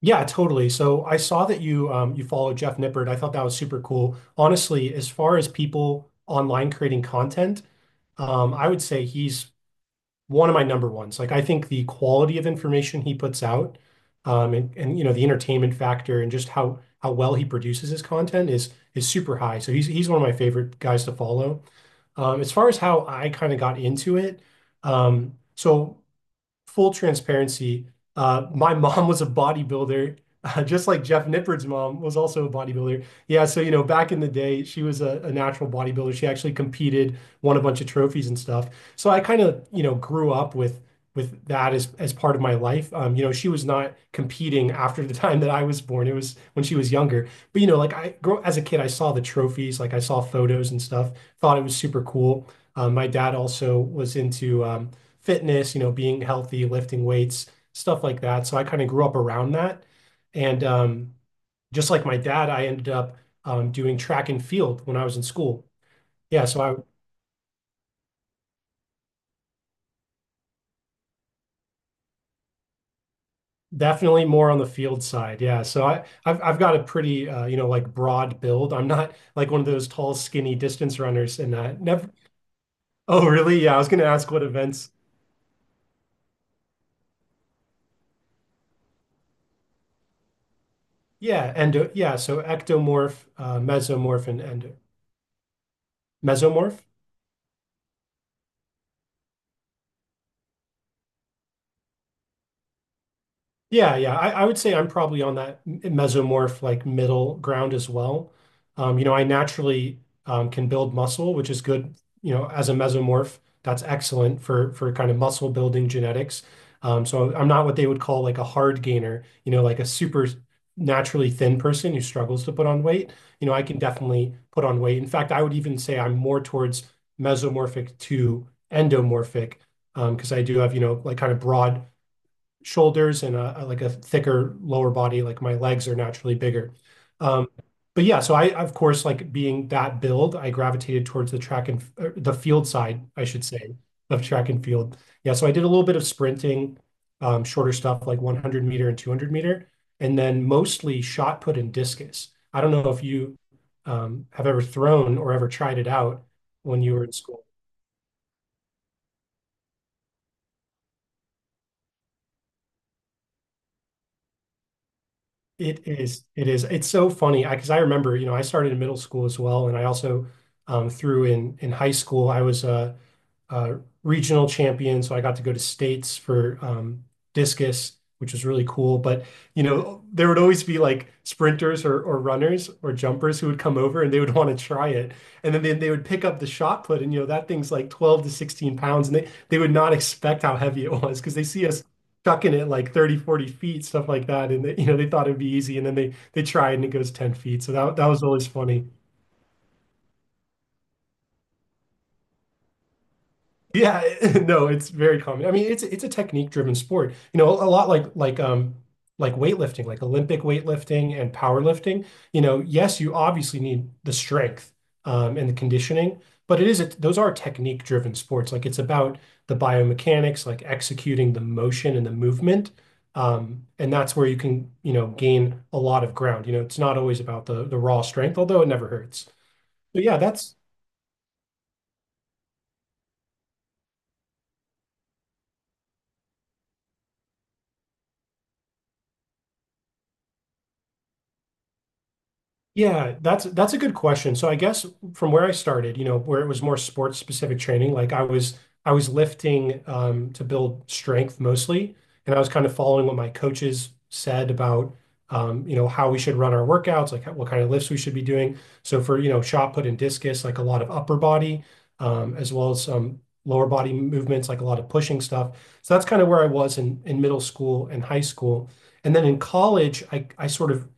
Yeah, totally. So I saw that you follow Jeff Nippert. I thought that was super cool. Honestly, as far as people online creating content, I would say he's one of my number ones. Like I think the quality of information he puts out, and you know the entertainment factor and just how well he produces his content is super high. So he's one of my favorite guys to follow. As far as how I kind of got into it, so full transparency, my mom was a bodybuilder, just like Jeff Nippard's mom was also a bodybuilder. Yeah, so you know, back in the day, she was a natural bodybuilder. She actually competed, won a bunch of trophies and stuff. So I kind of, you know, grew up with that as part of my life. You know, she was not competing after the time that I was born. It was when she was younger. But you know, like I grow as a kid, I saw the trophies, like I saw photos and stuff, thought it was super cool. My dad also was into fitness, you know, being healthy, lifting weights, stuff like that. So I kind of grew up around that. And Just like my dad, I ended up doing track and field when I was in school. Yeah, so I definitely more on the field side. Yeah, so I've got a pretty you know like broad build. I'm not like one of those tall, skinny distance runners, and never. Oh, really? Yeah, I was going to ask what events. Yeah, endo. Yeah, so ectomorph, mesomorph, and endo mesomorph. Yeah, yeah. I would say I'm probably on that mesomorph like middle ground as well. You know, I naturally can build muscle, which is good, you know, as a mesomorph. That's excellent for kind of muscle building genetics. So I'm not what they would call like a hard gainer, you know, like a super naturally thin person who struggles to put on weight. You know, I can definitely put on weight. In fact, I would even say I'm more towards mesomorphic to endomorphic, because I do have, you know, like kind of broad shoulders and like a thicker lower body. Like my legs are naturally bigger. Um, but yeah, so I of course like being that build, I gravitated towards the the field side, I should say, of track and field. Yeah, so I did a little bit of sprinting, shorter stuff like 100 meter and 200 meter, and then mostly shot put and discus. I don't know if you have ever thrown or ever tried it out when you were in school. It is. It is. It's so funny because I remember, you know, I started in middle school as well, and I also through in high school. I was uh, regional champion, so I got to go to states for discus, which was really cool. But you know, there would always be like sprinters or runners or jumpers who would come over and they would want to try it. And then they would pick up the shot put and you know that thing's like 12 to 16 pounds and they would not expect how heavy it was because they see us chucking it like 30, 40 feet, stuff like that. And they, you know, they thought it'd be easy and then they try it and it goes 10 feet. So that was always funny. Yeah, no, it's very common. I mean, it's a technique driven sport. You know, a lot like weightlifting, like Olympic weightlifting and powerlifting. You know, yes, you obviously need the strength and the conditioning, but it is a, those are technique driven sports. Like it's about the biomechanics, like executing the motion and the movement. And that's where you can, you know, gain a lot of ground. You know, it's not always about the raw strength, although it never hurts. So yeah, that's Yeah, that's a good question. So I guess from where I started, you know, where it was more sports specific training, like I was lifting to build strength mostly, and I was kind of following what my coaches said about you know how we should run our workouts, like what kind of lifts we should be doing. So for you know shot put and discus, like a lot of upper body, as well as some lower body movements, like a lot of pushing stuff. So that's kind of where I was in middle school and high school. And then in college, I sort of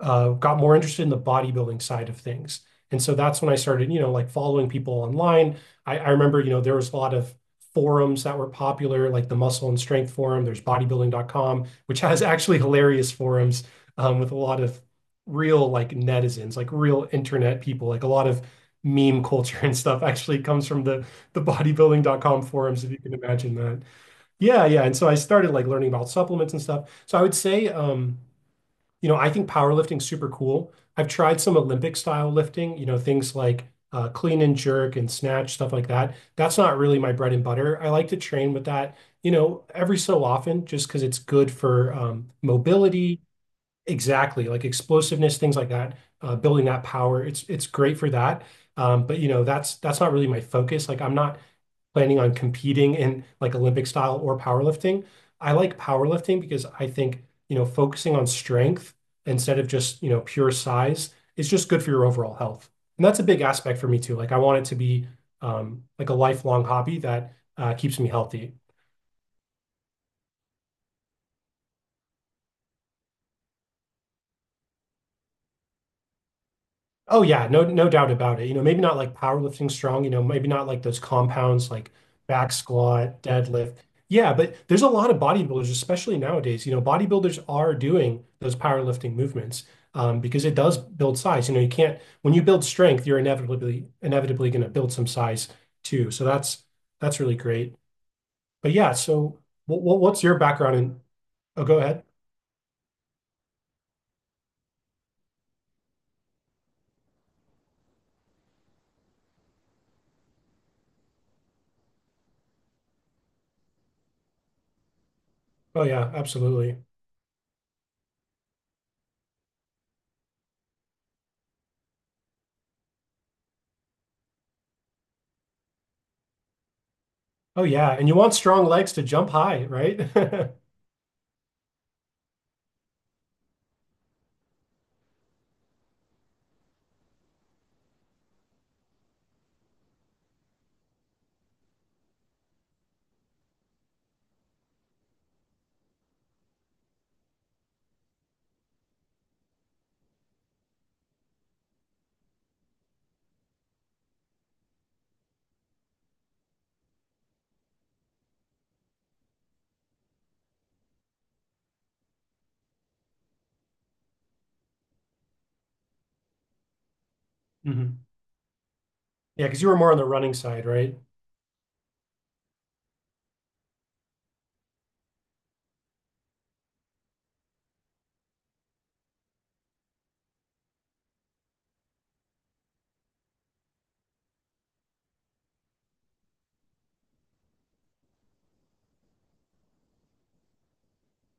got more interested in the bodybuilding side of things. And so that's when I started, you know, like following people online. I remember, you know, there was a lot of forums that were popular, like the Muscle and Strength Forum. There's bodybuilding.com, which has actually hilarious forums with a lot of real like netizens, like real internet people, like a lot of meme culture and stuff actually comes from the bodybuilding.com forums, if you can imagine that. Yeah, yeah. And so I started like learning about supplements and stuff. So I would say you know, I think powerlifting's super cool. I've tried some Olympic style lifting, you know, things like clean and jerk and snatch, stuff like that. That's not really my bread and butter. I like to train with that, you know, every so often just because it's good for mobility, exactly, like explosiveness, things like that, building that power. It's great for that. But you know, that's not really my focus. Like I'm not planning on competing in like Olympic style or powerlifting. I like powerlifting because I think, you know, focusing on strength instead of just, you know, pure size is just good for your overall health. And that's a big aspect for me too. Like I want it to be like a lifelong hobby that keeps me healthy. Oh yeah, no doubt about it. You know, maybe not like powerlifting strong, you know, maybe not like those compounds like back squat, deadlift. Yeah, but there's a lot of bodybuilders, especially nowadays. You know, bodybuilders are doing those powerlifting movements because it does build size. You know, you can't when you build strength, you're inevitably going to build some size too. So that's really great. But yeah, so what's your background in? Oh, go ahead. Oh yeah, absolutely. Oh yeah, and you want strong legs to jump high, right? Mhm. Yeah, because you were more on the running side, right?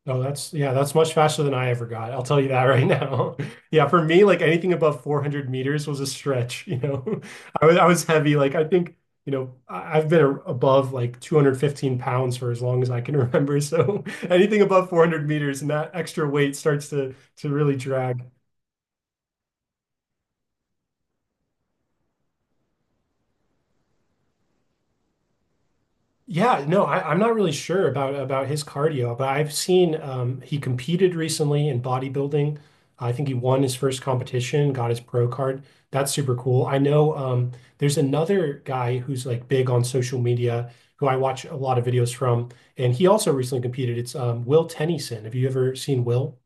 No, that's yeah, that's much faster than I ever got. I'll tell you that right now. Yeah, for me, like anything above 400 meters was a stretch, you know. I was heavy. Like I think, you know, I've been above like 215 pounds for as long as I can remember. So anything above 400 meters and that extra weight starts to really drag. Yeah, no, I'm not really sure about his cardio, but I've seen he competed recently in bodybuilding. I think he won his first competition, got his pro card. That's super cool. I know there's another guy who's like big on social media who I watch a lot of videos from, and he also recently competed. It's Will Tennyson. Have you ever seen Will?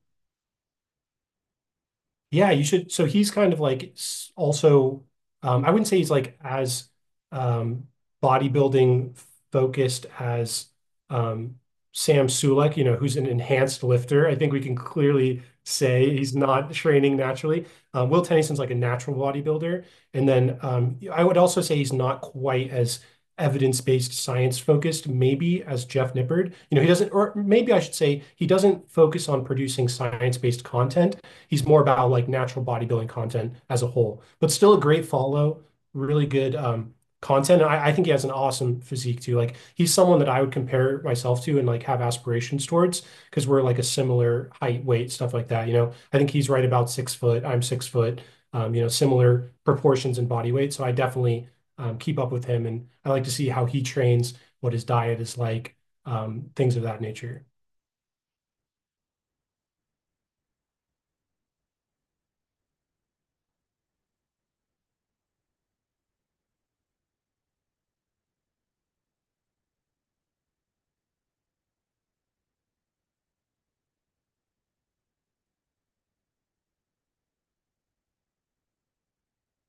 Yeah, you should. So he's kind of like also, I wouldn't say he's like as um, bodybuilding focused as um, Sam Sulek, you know, who's an enhanced lifter. I think we can clearly say he's not training naturally. Will Tennison's like a natural bodybuilder. And then I would also say he's not quite as evidence-based, science-focused, maybe as Jeff Nippard. You know, he doesn't, or maybe I should say he doesn't focus on producing science-based content. He's more about like natural bodybuilding content as a whole, but still a great follow, really good content. And I think he has an awesome physique too. Like he's someone that I would compare myself to and like have aspirations towards because we're like a similar height, weight, stuff like that. You know, I think he's right about 6 foot. I'm 6 foot. You know, similar proportions and body weight. So I definitely keep up with him, and I like to see how he trains, what his diet is like, things of that nature.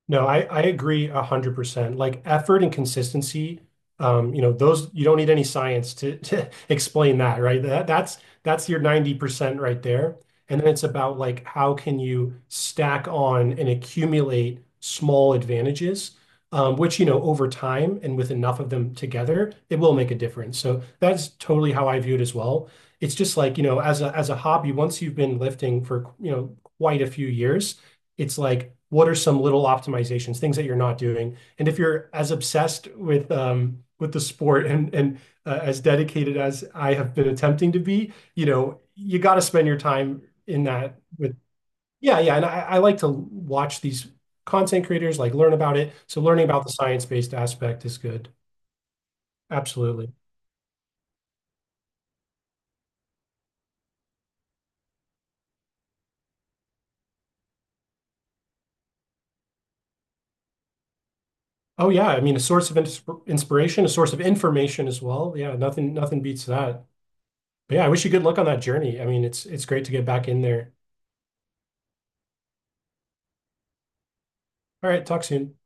No, I agree 100%. Like effort and consistency, you know, those you don't need any science to explain that, right? That's your 90% right there. And then it's about like how can you stack on and accumulate small advantages, which, you know, over time and with enough of them together, it will make a difference. So that's totally how I view it as well. It's just like, you know, as a hobby, once you've been lifting for, you know, quite a few years it's like, what are some little optimizations, things that you're not doing? And if you're as obsessed with the sport and as dedicated as I have been attempting to be, you know, you got to spend your time in that with, yeah, yeah. And I like to watch these content creators, like learn about it. So learning about the science-based aspect is good. Absolutely. Oh yeah, I mean a source of inspiration, a source of information as well. Yeah, nothing beats that. But yeah, I wish you good luck on that journey. I mean, it's great to get back in there. All right, talk soon.